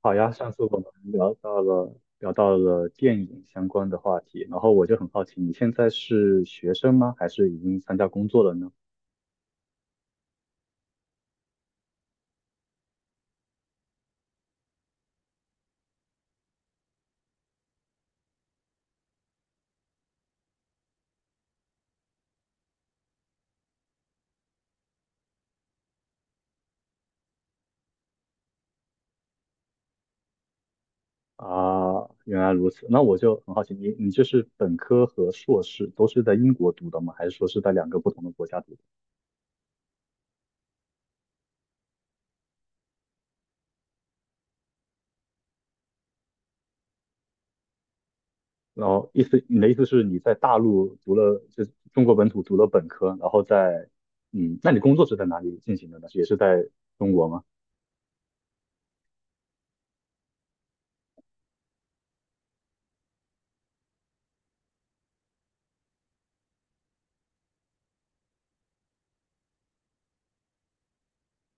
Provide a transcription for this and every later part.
好呀，上次我们聊到了电影相关的话题，然后我就很好奇，你现在是学生吗？还是已经参加工作了呢？啊，原来如此，那我就很好奇，你就是本科和硕士都是在英国读的吗？还是说是在两个不同的国家读的？然后意思，你的意思是你在大陆读了，就是中国本土读了本科，然后在，那你工作是在哪里进行的呢？也是在中国吗？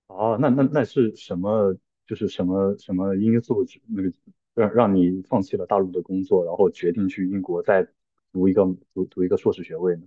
哦，那是什么？就是什么因素指，那个让你放弃了大陆的工作，然后决定去英国再读一个读一个硕士学位呢？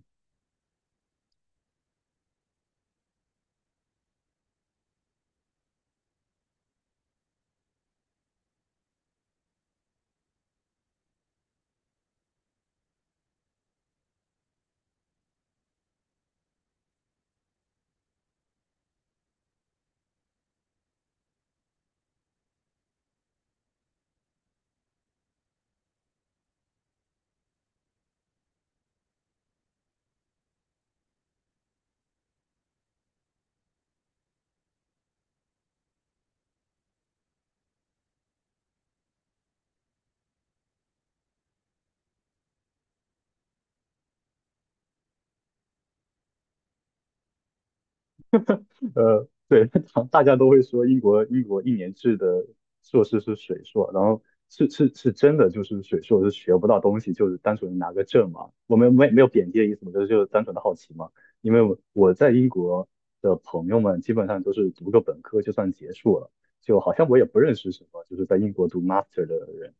对，大家都会说英国1年制的硕士是水硕，然后是真的，就是水硕是学不到东西，就是单纯拿个证嘛。我们没有贬低的意思嘛，就是单纯的好奇嘛。因为我在英国的朋友们基本上都是读个本科就算结束了，就好像我也不认识什么就是在英国读 master 的人。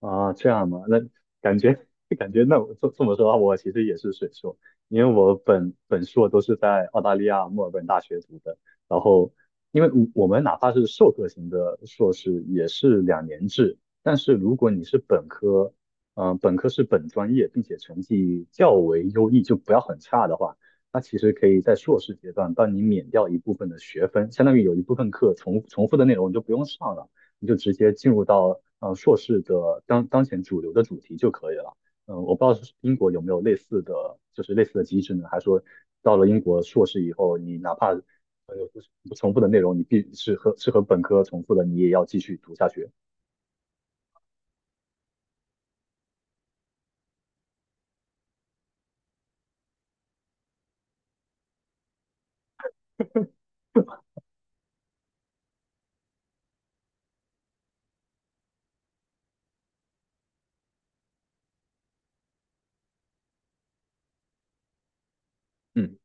啊，这样嘛，那感觉 感觉那我这么说的话，我其实也是水硕，因为我本硕都是在澳大利亚墨尔本大学读的，然后因为我们哪怕是授课型的硕士也是2年制。但是如果你是本科，本科是本专业，并且成绩较为优异，就不要很差的话，那其实可以在硕士阶段帮你免掉一部分的学分，相当于有一部分课重复的内容你就不用上了。你就直接进入到硕士的当前主流的主题就可以了。我不知道是英国有没有类似的，就是类似的机制呢？还是说到了英国硕士以后，你哪怕有不重复的内容，你必是和本科重复的，你也要继续读下去。嗯。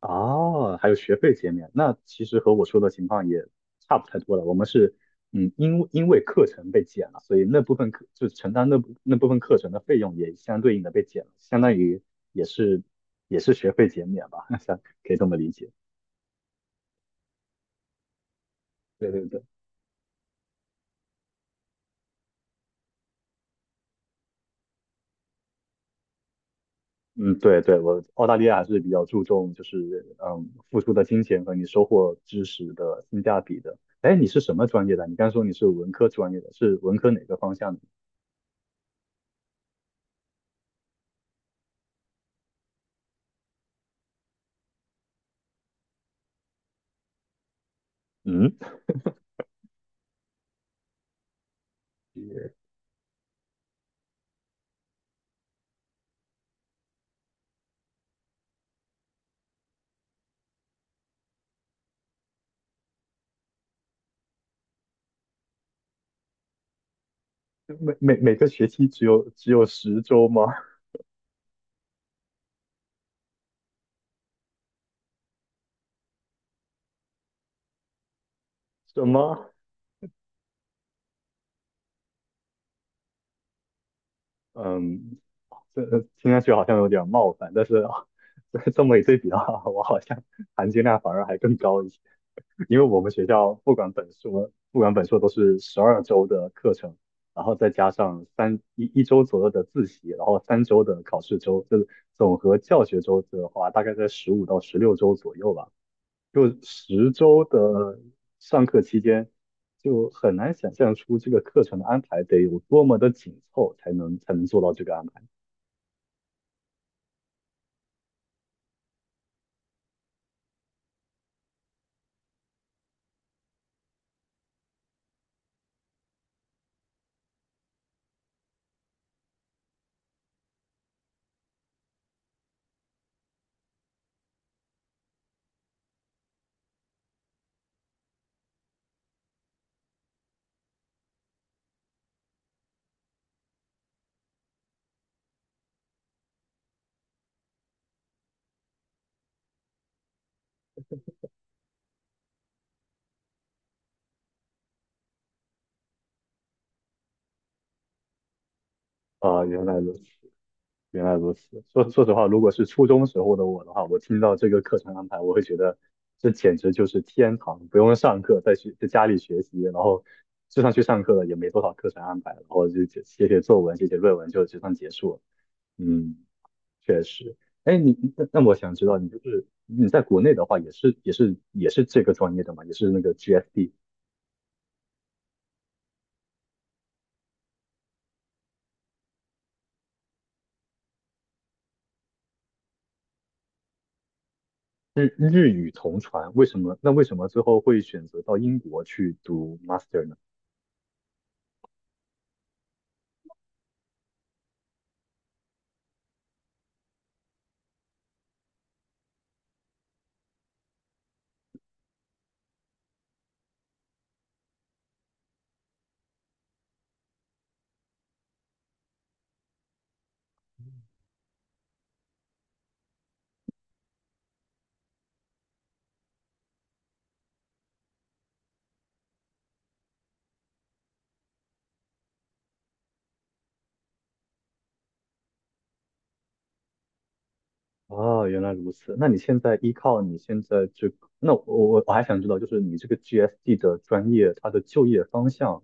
哦，还有学费减免，那其实和我说的情况也差不太多了。我们是，因为课程被减了，所以那部分课就承担那部分课程的费用也相对应的被减了，相当于也是也是学费减免吧，像可以这么理解。对对对，嗯，对对，我澳大利亚还是比较注重就是付出的金钱和你收获知识的性价比的。哎，你是什么专业的？你刚说你是文科专业的，是文科哪个方向的？嗯。每个学期只有十周吗？什么？嗯，这听上去好像有点冒犯，但是 这么一对比的话，我好像含金量反而还更高一些，因为我们学校不管本硕都是12周的课程，然后再加上一周左右的自习，然后3周的考试周，这总和教学周的话，大概在15到16周左右吧。就十周的上课期间，就很难想象出这个课程的安排得有多么的紧凑，才能做到这个安排。啊、原来如此，原来如此。说实话，如果是初中时候的我的话，我听到这个课程安排，我会觉得这简直就是天堂，不用上课，在家里学习，然后就算去上课了，也没多少课程安排，然后就写写作文、写写论文就算结束了。嗯，确实，哎，那我想知道，你就是你在国内的话，也是这个专业的嘛，也是那个 g s d。 日语同传，为什么？那为什么最后会选择到英国去读 master 呢？哦，原来如此。那你现在依靠你现在这个，那我还想知道，就是你这个 GSD 的专业，它的就业方向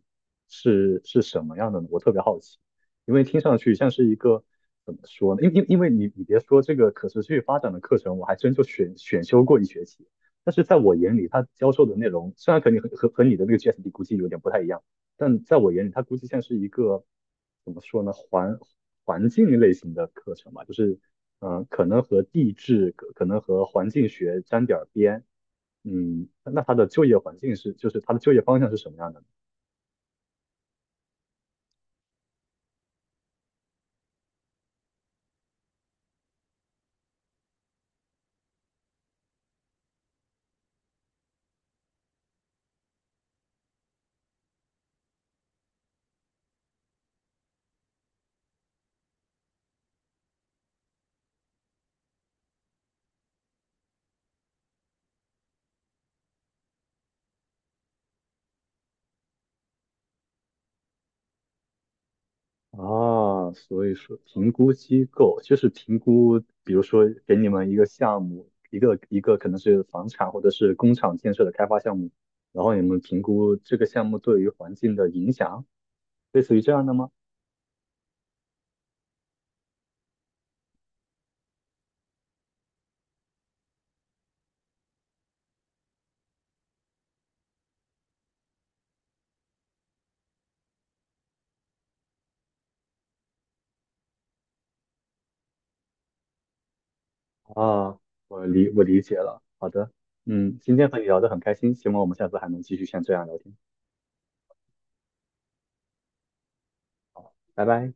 是什么样的呢？我特别好奇，因为听上去像是一个怎么说呢？因为你别说这个可持续发展的课程，我还真就选修过1学期，但是在我眼里，他教授的内容虽然你和你的那个 GSD 估计有点不太一样，但在我眼里，它估计像是一个怎么说呢，环境类型的课程吧，就是。可能和地质，可能和环境学沾点儿边。那它的就业环境是，就是它的就业方向是什么样的呢？啊，所以说评估机构就是评估，比如说给你们一个项目，一个可能是房产或者是工厂建设的开发项目，然后你们评估这个项目对于环境的影响，类似于这样的吗？啊，我理解了，好的。今天和你聊得很开心，希望我们下次还能继续像这样聊天。好，拜拜。